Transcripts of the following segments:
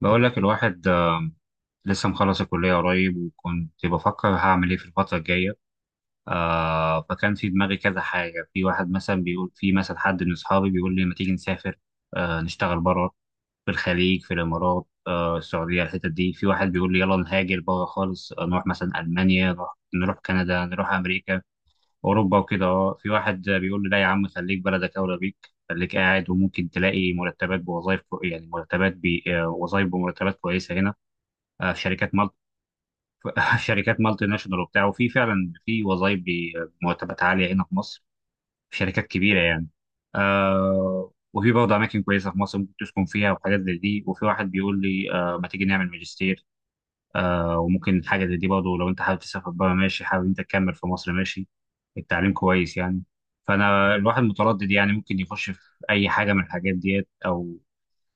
بقول لك الواحد لسه مخلص الكلية قريب وكنت بفكر هعمل ايه في الفترة الجاية. فكان في دماغي كذا حاجة، في واحد مثلا بيقول، في مثلا حد من أصحابي بيقول لي ما تيجي نسافر، نشتغل بره في الخليج في الإمارات، السعودية الحتت دي. في واحد بيقول لي يلا نهاجر بره خالص، نروح مثلا ألمانيا، نروح كندا، نروح أمريكا أوروبا وكده. في واحد بيقول لي لا يا عم خليك بلدك أولى بيك، خليك قاعد وممكن تلاقي مرتبات بوظائف، يعني مرتبات بي... آه، وظائف بمرتبات كويسة هنا. في شركات في شركات مالتي ناشونال وبتاع، وفي فعلا في وظائف بمرتبات عاليه هنا في مصر، في شركات كبيره يعني. آه وفي برضه اماكن كويسه في مصر ممكن تسكن فيها وحاجات زي دي. وفي واحد بيقول لي آه ما تيجي نعمل ماجستير، آه وممكن حاجه زي دي برضه. لو انت حابب تسافر بره ماشي، حابب انت تكمل في مصر ماشي، التعليم كويس يعني. فانا الواحد متردد يعني، ممكن يخش في اي حاجه من الحاجات ديت او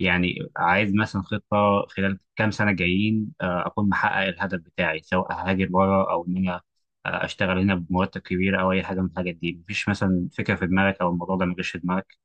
يعني عايز مثلا خطة خلال كام سنة جايين أكون محقق الهدف بتاعي سواء هاجر بره أو إن أنا أشتغل هنا بمرتب كبير أو أي حاجة من الحاجات دي. مفيش مثلا فكرة في دماغك أو الموضوع ده مجاش في دماغك؟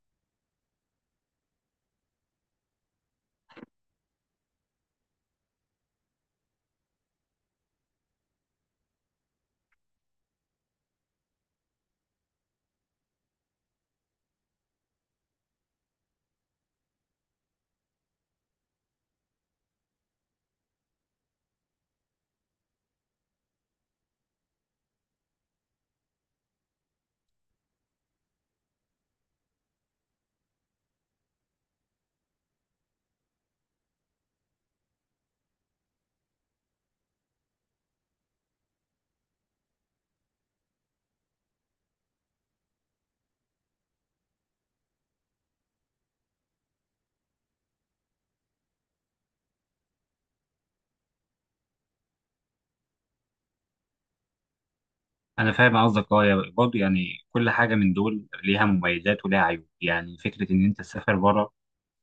أنا فاهم قصدك. أه برضه يعني كل حاجة من دول ليها مميزات وليها عيوب. يعني فكرة إن أنت تسافر بره،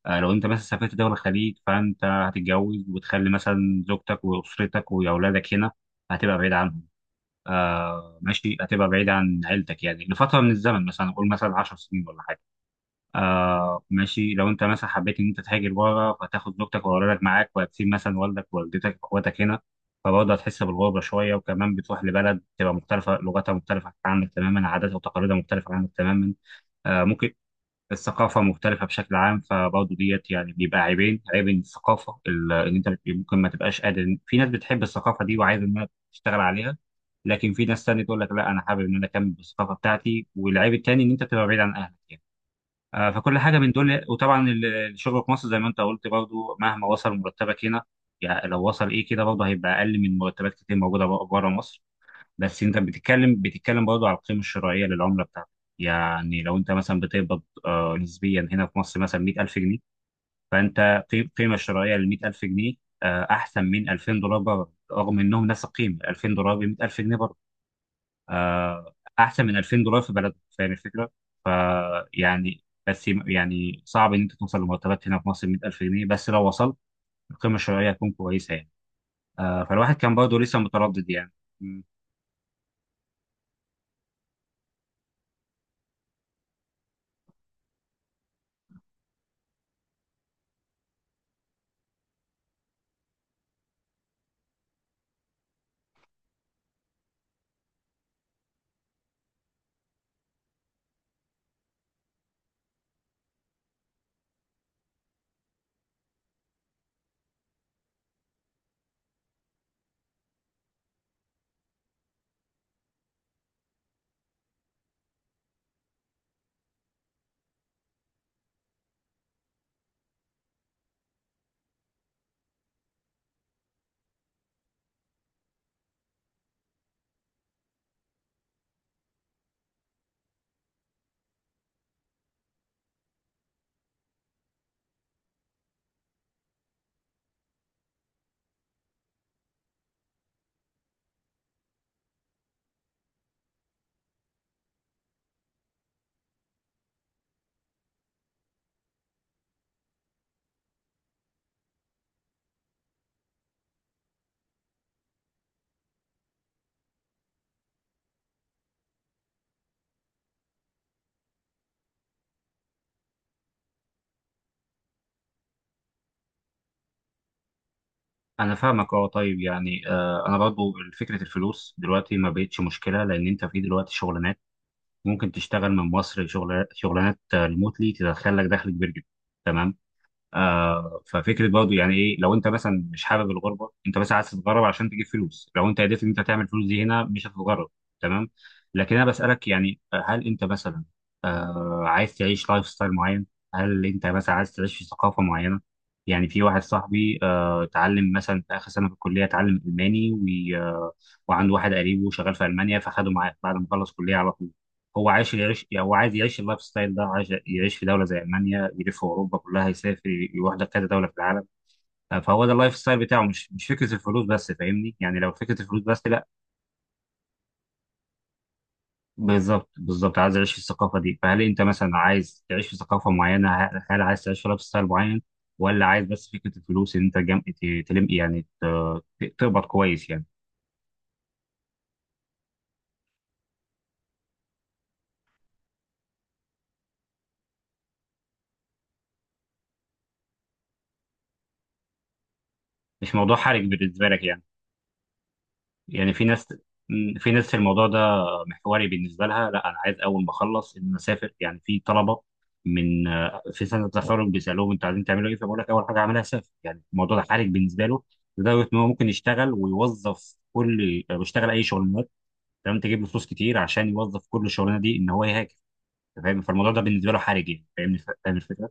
لو أنت مثلا سافرت دولة الخليج فأنت هتتجوز وتخلي مثلا زوجتك وأسرتك وأولادك هنا، هتبقى بعيد عنهم. آه ماشي، هتبقى بعيد عن عيلتك يعني لفتره من الزمن، مثلا قول مثلا 10 سنين ولا حاجه. آه ماشي، لو انت مثلا حبيت ان انت تهاجر بره فتاخد زوجتك واولادك معاك وهتسيب مثلا والدك ووالدتك واخواتك هنا، فبرضه هتحس بالغربه شويه، وكمان بتروح لبلد تبقى مختلفه، لغتها مختلفه عنك تماما، عاداتها وتقاليدها مختلفه عنك تماما. آه ممكن الثقافة مختلفة بشكل عام، فبرضه ديت يعني بيبقى عيبين: عيب الثقافة إن أنت ممكن ما تبقاش قادر في ناس بتحب الثقافة دي وعايز إنها تشتغل عليها، لكن في ناس تانية تقول لك لا أنا حابب إن أنا أكمل بالثقافة بتاعتي. والعيب التاني إن أنت تبقى بعيد عن أهلك يعني. فكل حاجة من دول. وطبعا الشغل في مصر زي ما أنت قلت برضه مهما وصل مرتبك هنا، يعني لو وصل إيه كده، برضه هيبقى أقل من مرتبات كتير موجودة بره مصر. بس انت بتتكلم برضه على القيمه الشرائيه للعمله بتاعتك. يعني لو انت مثلا بتقبض نسبيا هنا في مصر مثلا 100,000 جنيه، فانت قيمه شرائيه لل 100,000 جنيه احسن من 2,000 دولار بره، رغم انهم نفس القيمه. 2,000 دولار ب 100,000 جنيه بره احسن من 2,000 دولار في بلدهم. فاهم الفكره؟ فيعني بس يعني صعب ان انت توصل لمرتبات هنا في مصر 100,000 جنيه، بس لو وصلت القيمه الشرائيه هتكون كويسه يعني. فالواحد كان برضه لسه متردد يعني. انا فاهمك، اه طيب. يعني انا برضو فكره الفلوس دلوقتي ما بقتش مشكله، لان انت في دلوقتي شغلانات ممكن تشتغل من مصر شغل، شغلانات ريموتلي تدخل لك دخل كبير جدا، تمام. آه ففكره برضه يعني ايه؟ لو انت مثلا مش حابب الغربه، انت بس عايز تتغرب عشان تجيب فلوس، لو انت قدرت ان انت تعمل فلوس دي هنا مش هتتغرب، تمام. لكن انا بسالك يعني، هل انت مثلا عايز تعيش لايف ستايل معين؟ هل انت مثلا عايز تعيش في ثقافه معينه؟ يعني في واحد صاحبي آه اتعلم مثلا في اخر سنه في الكليه، اتعلم الماني، وعنده واحد قريبه شغال في المانيا فخده معاه بعد ما خلص كليه على طول. هو عايش يعيش يعني، هو عايز يعيش اللايف ستايل ده، عايش يعيش في دوله زي المانيا، يلف اوروبا كلها، يسافر يروح لكذا دوله في العالم. فهو ده اللايف ستايل بتاعه، مش فكره الفلوس بس، فاهمني يعني؟ لو فكره الفلوس بس، لا. بالظبط بالظبط، عايز اعيش في الثقافه دي. فهل انت مثلا عايز تعيش في ثقافه معينه؟ هل عايز تعيش في لايف ستايل معين؟ ولا عايز بس فكره الفلوس ان انت تلم يعني تقبض كويس يعني؟ مش موضوع حرج بالنسبه لك يعني. يعني في ناس الموضوع ده محوري بالنسبه لها. لا انا عايز اول ما اخلص ان أنا اسافر يعني. في طلبه من في سنه تخرج بيسالوهم انتوا عايزين تعملوا ايه، فبقول لك اول حاجه اعملها اسافر. يعني الموضوع ده حرج بالنسبه له، لدرجه ان هو ممكن يشتغل ويوظف كل يشتغل اي شغلانات، تمام، تجيب له فلوس كتير عشان يوظف كل شغلانه دي ان هو يهاجر. أنت فاهم؟ فالموضوع ده بالنسبه له حرج يعني، فاهمني؟ فاهم الفكره؟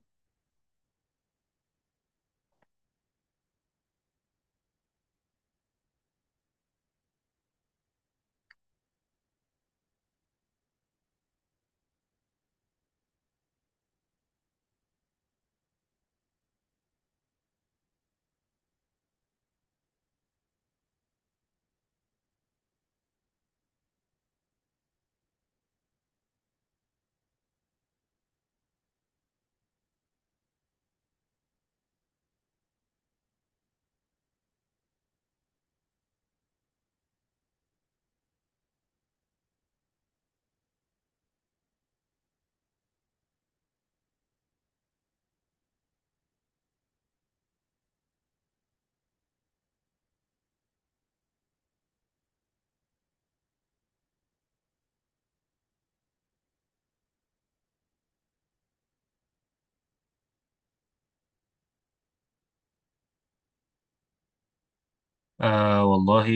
آه والله.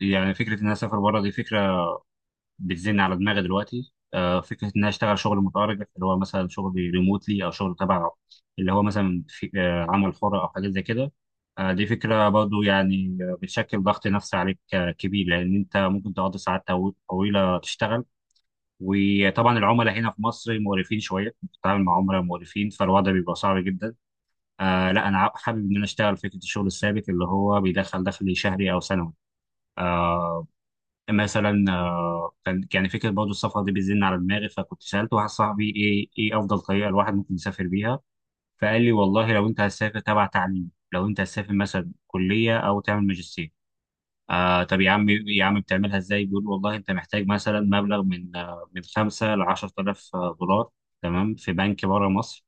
يعني فكره ان انا اسافر بره دي فكره بتزن على دماغي دلوقتي. فكره ان انا اشتغل شغل متأرجح اللي هو مثلا شغل ريموتلي او شغل تبع، اللي هو مثلا في عمل حر او حاجات زي كده، دي فكره برضو يعني، بتشكل ضغط نفسي عليك كبير، لان انت ممكن تقضي ساعات طويله تشتغل. وطبعا العملاء هنا في مصر مقرفين شويه، بتتعامل مع عملاء مقرفين، فالوضع بيبقى صعب جدا. آه لا انا حابب ان انا اشتغل فكره الشغل الثابت اللي هو بيدخل دخل شهري او سنوي. آه، مثلا كان يعني فكره برضه السفر دي بتزن على دماغي، فكنت سالت واحد صاحبي ايه افضل طريقه الواحد ممكن يسافر بيها. فقال لي والله لو انت هتسافر تبع تعليم، لو انت هتسافر مثلا كليه او تعمل ماجستير. آه طب يا عم يا عم بتعملها ازاي؟ بيقول والله انت محتاج مثلا مبلغ من من 5 ل 10,000 دولار، تمام، في بنك بره مصر.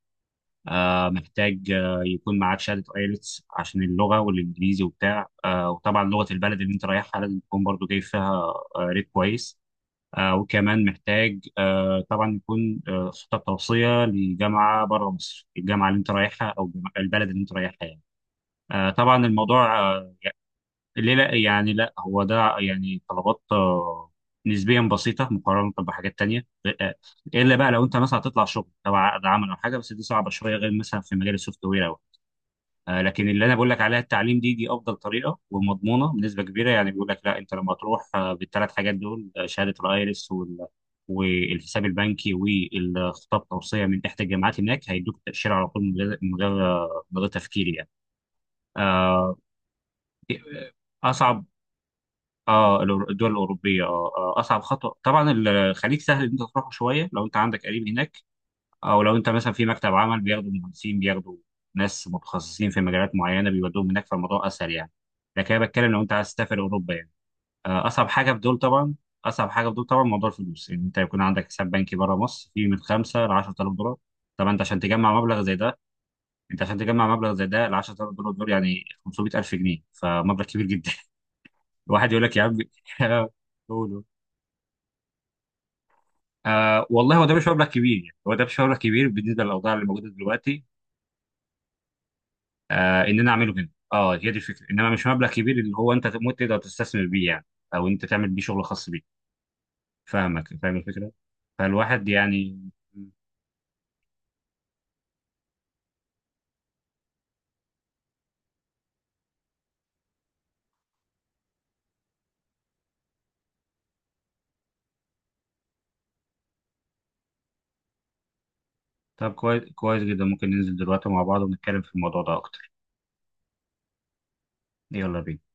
آه محتاج يكون معاك شهاده ايلتس عشان اللغه والانجليزي وبتاع. آه وطبعا لغه البلد اللي انت رايحها لازم تكون برضه جايب فيها ريت كويس. وكمان محتاج طبعا يكون خطة توصية لجامعة بره مصر، الجامعة اللي انت رايحها او البلد اللي انت رايحها يعني. طبعا الموضوع ليه لا يعني؟ لا هو ده يعني طلبات نسبيا بسيطة مقارنة بحاجات تانية. آه، إلا بقى لو أنت مثلا هتطلع شغل تبع عقد عمل أو حاجة، بس دي صعبة شوية، غير مثلا في مجال السوفت وير. لكن اللي انا بقول لك عليها التعليم، دي افضل طريقه ومضمونه بنسبه كبيره يعني. بيقول لك لا انت لما تروح بالثلاث حاجات دول شهاده الايرس وال والحساب البنكي والخطاب توصيه من احدى الجامعات، هناك هيدوك تاشيره على طول، من غير تفكير يعني. آه، اصعب. اه الدول الاوروبيه اه اصعب خطوه. طبعا الخليج سهل ان انت تروحه شويه، لو انت عندك قريب هناك، او لو انت مثلا في مكتب عمل بياخدوا مهندسين، بياخدوا ناس متخصصين في مجالات معينه بيودوهم هناك، فالموضوع اسهل يعني. لكن انا بتكلم لو انت عايز تسافر اوروبا يعني، اصعب حاجه في دول طبعا. اصعب حاجه في دول طبعا موضوع الفلوس، ان انت يكون عندك حساب بنكي بره مصر فيه من 5 ل 10,000 دولار. طبعا انت عشان تجمع مبلغ زي ده، ل 10,000 دولار دول يعني 500,000 جنيه، فمبلغ كبير جدا. الواحد يقول لك يا عم قولوا. آه والله هو ده مش مبلغ كبير يعني، هو ده مش مبلغ كبير بالنسبه للاوضاع اللي موجوده دلوقتي. آه ان انا اعمله هنا اه، هي دي الفكره، انما مش مبلغ كبير اللي هو انت تقدر تستثمر بيه يعني، او انت تعمل بيه شغل خاص بيك. فاهمك، فاهم الفكره. فالواحد يعني. طب كويس كويس جدا، ممكن ننزل دلوقتي مع بعض ونتكلم في الموضوع ده اكتر. يلا بينا.